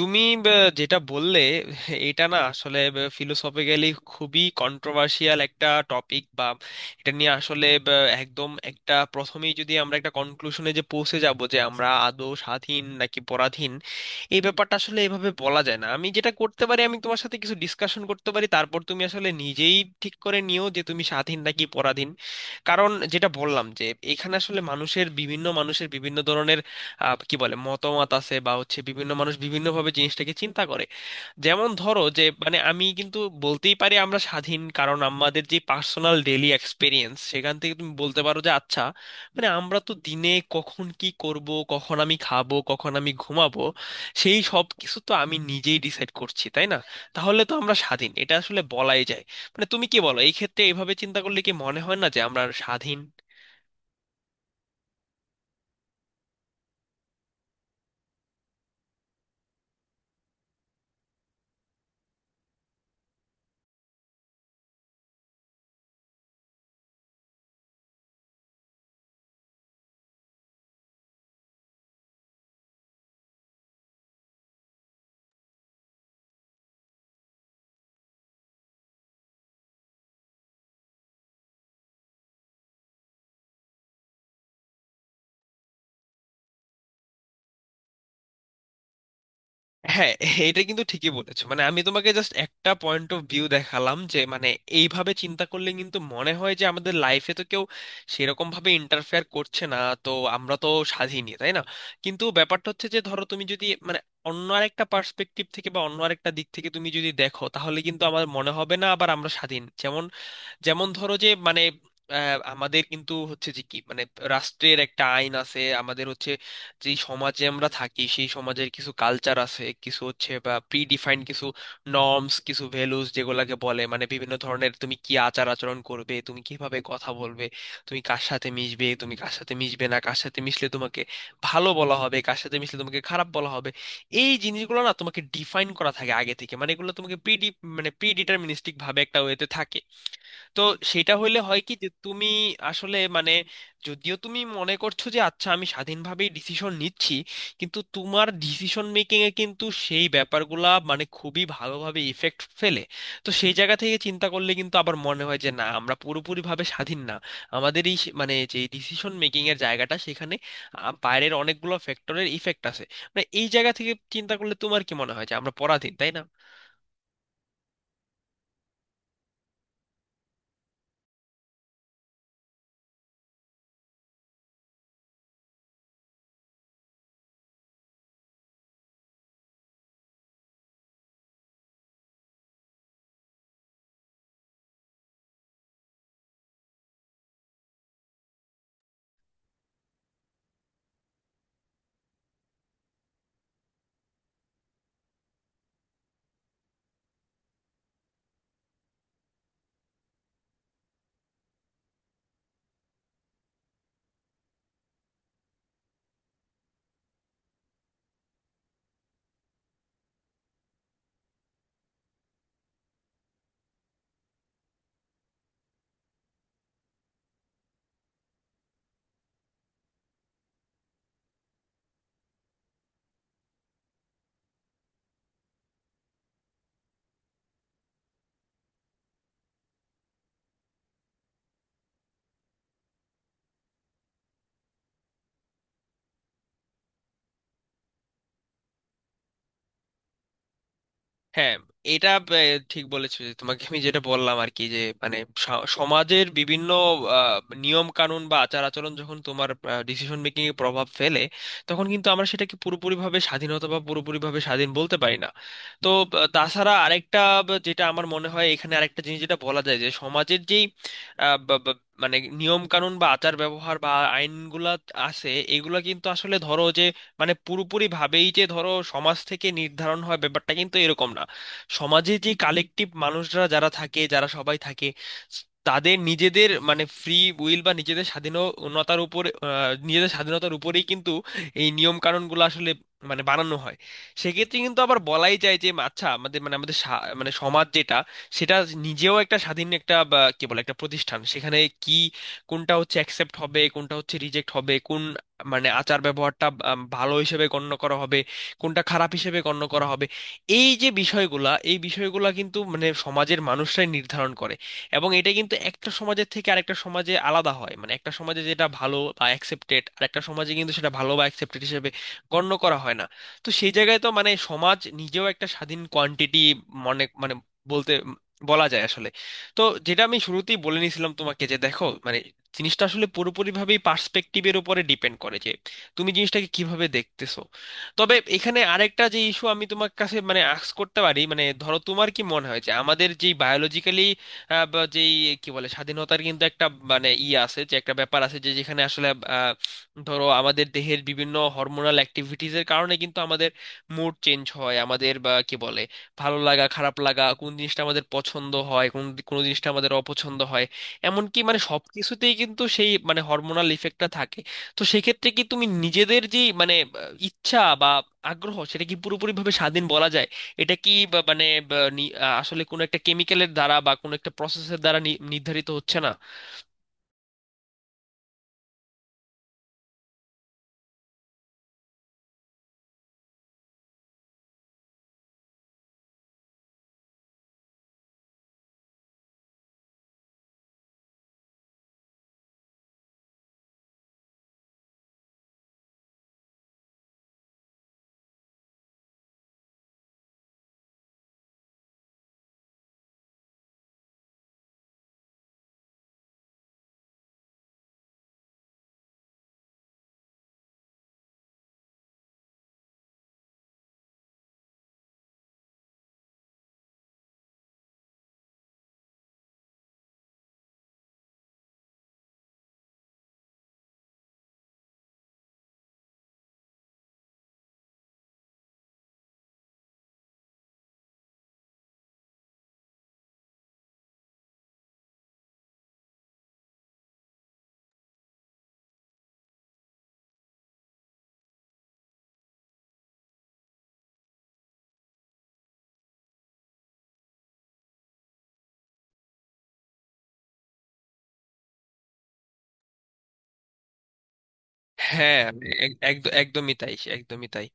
তুমি যেটা বললে, এটা না আসলে ফিলোসফিক্যালি খুবই কন্ট্রোভার্সিয়াল একটা টপিক। বা এটা নিয়ে আসলে একদম একটা, প্রথমেই যদি আমরা একটা কনক্লুশনে যে পৌঁছে যাব যে আমরা আদৌ স্বাধীন নাকি পরাধীন, এই ব্যাপারটা আসলে এভাবে বলা যায় না। আমি যেটা করতে পারি, আমি তোমার সাথে কিছু ডিসকাশন করতে পারি, তারপর তুমি আসলে নিজেই ঠিক করে নিও যে তুমি স্বাধীন নাকি পরাধীন। কারণ যেটা বললাম, যে এখানে আসলে মানুষের বিভিন্ন ধরনের কি বলে মতামত আছে বা হচ্ছে, বিভিন্ন মানুষ বিভিন্নভাবে জিনিসটাকে চিন্তা করে। যেমন ধরো যে মানে আমি কিন্তু বলতেই পারি আমরা স্বাধীন, কারণ আমাদের যে পার্সোনাল ডেইলি এক্সপিরিয়েন্স, সেখান থেকে তুমি বলতে পারো যে আচ্ছা মানে আমরা তো দিনে কখন কি করব, কখন আমি খাবো, কখন আমি ঘুমাবো, সেই সব কিছু তো আমি নিজেই ডিসাইড করছি, তাই না? তাহলে তো আমরা স্বাধীন, এটা আসলে বলাই যায়। মানে তুমি কি বলো, এই ক্ষেত্রে এইভাবে চিন্তা করলে কি মনে হয় না যে আমরা স্বাধীন? হ্যাঁ, এটা কিন্তু ঠিকই বলেছো, মানে আমি তোমাকে জাস্ট একটা পয়েন্ট অফ ভিউ দেখালাম, যে মানে এইভাবে চিন্তা করলে কিন্তু মনে হয় যে আমাদের লাইফে তো কেউ সেরকম ভাবে ইন্টারফেয়ার করছে না, তো আমরা তো স্বাধীনই, তাই না? কিন্তু ব্যাপারটা হচ্ছে যে ধরো তুমি যদি মানে অন্য আরেকটা পার্সপেক্টিভ থেকে বা অন্য আরেকটা দিক থেকে তুমি যদি দেখো, তাহলে কিন্তু আমার মনে হবে না, আবার আমরা স্বাধীন। যেমন যেমন ধরো যে মানে আমাদের কিন্তু হচ্ছে যে কি, মানে রাষ্ট্রের একটা আইন আছে, আমাদের হচ্ছে যে সমাজে আমরা থাকি, সেই সমাজের কিছু কালচার আছে, কিছু হচ্ছে বা প্রি ডিফাইন্ড কিছু নর্মস, কিছু ভ্যালুস, যেগুলোকে বলে মানে বিভিন্ন ধরনের তুমি কি আচার আচরণ করবে, তুমি কিভাবে কথা বলবে, তুমি কার সাথে মিশবে, তুমি কার সাথে মিশবে না, কার সাথে মিশলে তোমাকে ভালো বলা হবে, কার সাথে মিশলে তোমাকে খারাপ বলা হবে, এই জিনিসগুলো না তোমাকে ডিফাইন করা থাকে আগে থেকে। মানে এগুলো তোমাকে প্রি, মানে প্রি ডিটারমিনিস্টিক ভাবে একটা ওয়েতে থাকে। তো সেটা হইলে হয় কি যে তুমি আসলে মানে, যদিও তুমি মনে করছো যে আচ্ছা আমি স্বাধীনভাবেই ডিসিশন নিচ্ছি, কিন্তু তোমার ডিসিশন মেকিং এ কিন্তু সেই ব্যাপারগুলা মানে খুবই ভালোভাবে ইফেক্ট ফেলে। তো সেই জায়গা থেকে চিন্তা করলে কিন্তু আবার মনে হয় যে না, আমরা পুরোপুরিভাবে স্বাধীন না। আমাদের এই মানে যে ডিসিশন মেকিং এর জায়গাটা, সেখানে বাইরের অনেকগুলো ফ্যাক্টরের ইফেক্ট আছে। মানে এই জায়গা থেকে চিন্তা করলে তোমার কি মনে হয় যে আমরা পরাধীন, তাই না? হ্যাঁ, এটা ঠিক বলেছো, যে তোমাকে আমি যেটা বললাম আর কি, যে মানে সমাজের বিভিন্ন আহ, নিয়ম কানুন বা আচার আচরণ যখন তোমার ডিসিশন মেকিং এ প্রভাব ফেলে, তখন কিন্তু আমরা সেটাকে পুরোপুরিভাবে স্বাধীনতা বা পুরোপুরিভাবে স্বাধীন বলতে পারি না। তো তাছাড়া আরেকটা, বা যেটা আমার মনে হয় এখানে আরেকটা জিনিস যেটা বলা যায়, যে সমাজের যেই আহ, বা- বা- মানে নিয়ম কানুন বা আচার ব্যবহার বা আইনগুলা আছে, এগুলা কিন্তু আসলে ধরো যে মানে পুরোপুরি ভাবেই যে ধরো সমাজ থেকে নির্ধারণ হয়, ব্যাপারটা কিন্তু এরকম না। সমাজে যে কালেকটিভ মানুষরা যারা থাকে, যারা সবাই থাকে, তাদের নিজেদের মানে ফ্রি উইল বা নিজেদের স্বাধীনতার উপরেই কিন্তু এই নিয়ম কানুনগুলো আসলে মানে বানানো হয়। সেক্ষেত্রে কিন্তু আবার বলাই যায় যে আচ্ছা, আমাদের মানে আমাদের মানে সমাজ যেটা, সেটা নিজেও একটা স্বাধীন, একটা বা কি বলে একটা প্রতিষ্ঠান, সেখানে কি কোনটা হচ্ছে অ্যাকসেপ্ট হবে, কোনটা হচ্ছে রিজেক্ট হবে, কোন মানে আচার ব্যবহারটা ভালো হিসেবে গণ্য করা হবে, কোনটা খারাপ হিসেবে গণ্য করা হবে, এই বিষয়গুলা কিন্তু মানে সমাজের মানুষরাই নির্ধারণ করে। এবং এটা কিন্তু একটা সমাজের থেকে আরেকটা সমাজে আলাদা হয়, মানে একটা সমাজে যেটা ভালো বা অ্যাকসেপ্টেড, আরেকটা সমাজে কিন্তু সেটা ভালো বা অ্যাকসেপ্টেড হিসেবে গণ্য করা হয় না। তো সেই জায়গায় তো মানে সমাজ নিজেও একটা স্বাধীন কোয়ান্টিটি, মনে মানে বলতে বলা যায় আসলে। তো যেটা আমি শুরুতেই বলে নিয়েছিলাম তোমাকে, যে দেখো মানে জিনিসটা আসলে পুরোপুরিভাবেই পার্সপেক্টিভের উপরে ডিপেন্ড করে, যে তুমি জিনিসটাকে কিভাবে দেখতেছো। তবে এখানে আরেকটা যে ইস্যু আমি তোমার কাছে মানে আস্ক করতে পারি, মানে ধরো তোমার কি মনে হয় যে আমাদের যে বায়োলজিক্যালি যেই কি বলে স্বাধীনতার কিন্তু একটা মানে ই আছে, যে একটা ব্যাপার আছে যে যেখানে আসলে আহ, ধরো আমাদের দেহের বিভিন্ন হরমোনাল অ্যাক্টিভিটিজের কারণে কিন্তু আমাদের মুড চেঞ্জ হয়, আমাদের বা কি বলে ভালো লাগা খারাপ লাগা, কোন জিনিসটা আমাদের পছন্দ হয়, কোন কোন জিনিসটা আমাদের অপছন্দ হয়। এমনকি মানে সব কিছুতেই কিন্তু সেই মানে হরমোনাল ইফেক্টটা থাকে। তো সেক্ষেত্রে কি তুমি নিজেদের যে মানে ইচ্ছা বা আগ্রহ, সেটা কি পুরোপুরিভাবে স্বাধীন বলা যায়? এটা কি মানে আসলে কোনো একটা কেমিক্যালের দ্বারা বা কোনো একটা প্রসেসের দ্বারা নির্ধারিত হচ্ছে না? হ্যাঁ, একদমই তাই, একদমই তাই।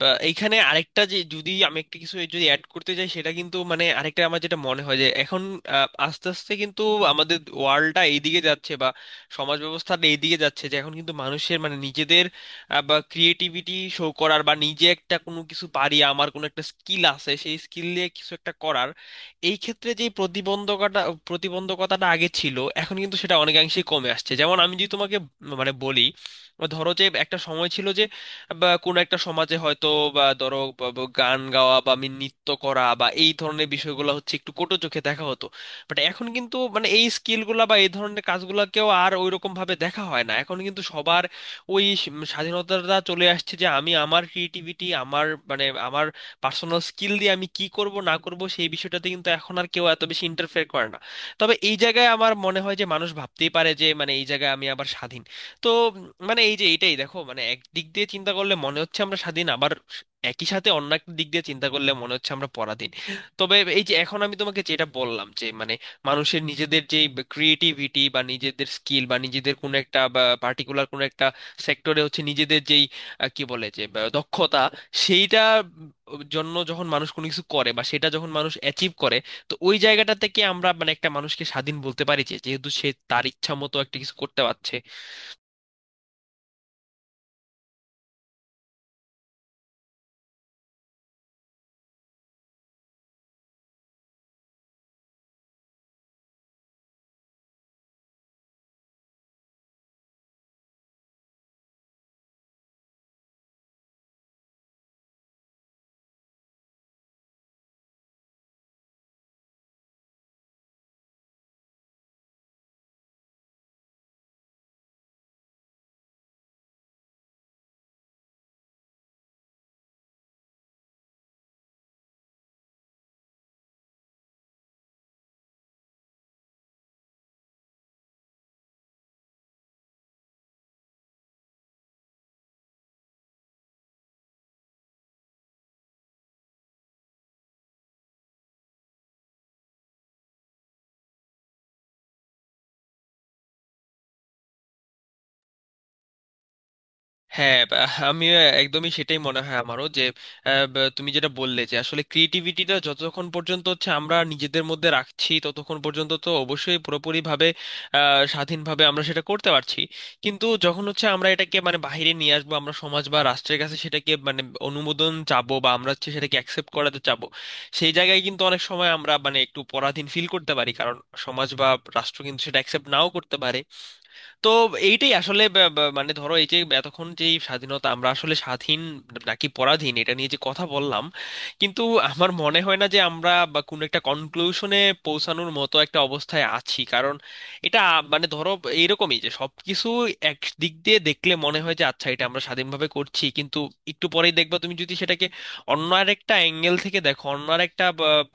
বা এইখানে আরেকটা যে, যদি আমি একটা কিছু যদি অ্যাড করতে চাই, সেটা কিন্তু মানে আরেকটা আমার যেটা মনে হয় যে এখন আস্তে আস্তে কিন্তু আমাদের ওয়ার্ল্ডটা এইদিকে যাচ্ছে, বা সমাজ ব্যবস্থাটা এইদিকে যাচ্ছে, যে এখন কিন্তু মানুষের মানে নিজেদের বা ক্রিয়েটিভিটি শো করার, বা নিজে একটা কোনো কিছু পারি, আমার কোনো একটা স্কিল আছে, সেই স্কিল দিয়ে কিছু একটা করার এই ক্ষেত্রে যে প্রতিবন্ধকতা, প্রতিবন্ধকতাটা আগে ছিল, এখন কিন্তু সেটা অনেকাংশেই কমে আসছে। যেমন আমি যদি তোমাকে মানে বলি, বা ধরো যে একটা সময় ছিল যে, বা কোনো একটা সমাজে হয়তো, বা ধরো বা গান গাওয়া বা আমি নৃত্য করা বা এই ধরনের বিষয়গুলো হচ্ছে একটু কটু চোখে দেখা হতো। বাট এখন কিন্তু মানে এই স্কিলগুলা বা এই ধরনের কাজগুলোকেও আর ওইরকম ভাবে দেখা হয় না, এখন কিন্তু সবার ওই স্বাধীনতাটা চলে আসছে যে আমি আমার ক্রিয়েটিভিটি, আমার মানে আমার পার্সোনাল স্কিল দিয়ে আমি কি করব না করব, সেই বিষয়টাতে কিন্তু এখন আর কেউ এত বেশি ইন্টারফেয়ার করে না। তবে এই জায়গায় আমার মনে হয় যে মানুষ ভাবতেই পারে যে মানে এই জায়গায় আমি আবার স্বাধীন। তো মানে এই যে এইটাই দেখো, মানে একদিক দিয়ে চিন্তা করলে মনে হচ্ছে আমরা স্বাধীন, আবার একই সাথে অন্য একটা দিক দিয়ে চিন্তা করলে মনে হচ্ছে আমরা পরাধীন। তবে এই যে এখন আমি তোমাকে যেটা বললাম যে মানে মানুষের নিজেদের যে ক্রিয়েটিভিটি বা নিজেদের স্কিল বা নিজেদের কোনো একটা বা পার্টিকুলার কোনো একটা সেক্টরে হচ্ছে নিজেদের যেই কি বলে যে বা দক্ষতা, সেইটা জন্য যখন মানুষ কোনো কিছু করে বা সেটা যখন মানুষ অ্যাচিভ করে, তো ওই জায়গাটা থেকে আমরা মানে একটা মানুষকে স্বাধীন বলতে পারি যে যেহেতু সে তার ইচ্ছা মতো একটা কিছু করতে পারছে। হ্যাঁ, আমি একদমই সেটাই মনে হয় আমারও যে তুমি যেটা বললে, যে আসলে ক্রিয়েটিভিটিটা যতক্ষণ পর্যন্ত হচ্ছে আমরা নিজেদের মধ্যে রাখছি, ততক্ষণ পর্যন্ত তো অবশ্যই পুরোপুরিভাবে স্বাধীনভাবে আমরা সেটা করতে পারছি। কিন্তু যখন হচ্ছে আমরা এটাকে মানে বাইরে নিয়ে আসবো, আমরা সমাজ বা রাষ্ট্রের কাছে সেটাকে মানে অনুমোদন চাবো, বা আমরা হচ্ছে সেটাকে অ্যাকসেপ্ট করাতে চাবো, সেই জায়গায় কিন্তু অনেক সময় আমরা মানে একটু পরাধীন ফিল করতে পারি, কারণ সমাজ বা রাষ্ট্র কিন্তু সেটা অ্যাকসেপ্ট নাও করতে পারে। তো এইটাই আসলে মানে ধরো, এই যে এতক্ষণ যে এই স্বাধীনতা, আমরা আসলে স্বাধীন নাকি পরাধীন, এটা নিয়ে যে কথা বললাম, কিন্তু আমার মনে হয় না যে আমরা বা কোনো একটা কনক্লুশনে পৌঁছানোর মতো একটা অবস্থায় আছি, কারণ এটা মানে ধরো এইরকমই যে সবকিছু এক দিক দিয়ে দেখলে মনে হয় যে আচ্ছা এটা আমরা স্বাধীনভাবে করছি, কিন্তু একটু পরেই দেখবা তুমি যদি সেটাকে অন্য আর একটা অ্যাঙ্গেল থেকে দেখো, অন্য আর একটা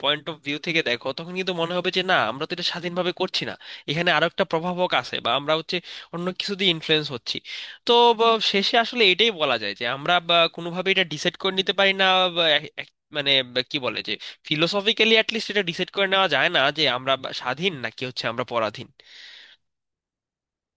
পয়েন্ট অফ ভিউ থেকে দেখো, তখন কিন্তু মনে হবে যে না, আমরা তো এটা স্বাধীনভাবে করছি না, এখানে আরো একটা প্রভাবক আছে, বা আমরা হচ্ছে অন্য কিছু দিয়ে ইনফ্লুয়েন্স হচ্ছি। তো বা, শেষে আসলে এটাই বলা যায় যে আমরা কোনোভাবে এটা ডিসাইড করে নিতে পারি না, বা, এক- এক- মানে কি বলে যে ফিলোসফিক্যালি অ্যাটলিস্ট এটা ডিসাইড করে নেওয়া যায় না, যে আমরা স্বাধীন নাকি হচ্ছে আমরা পরাধীন।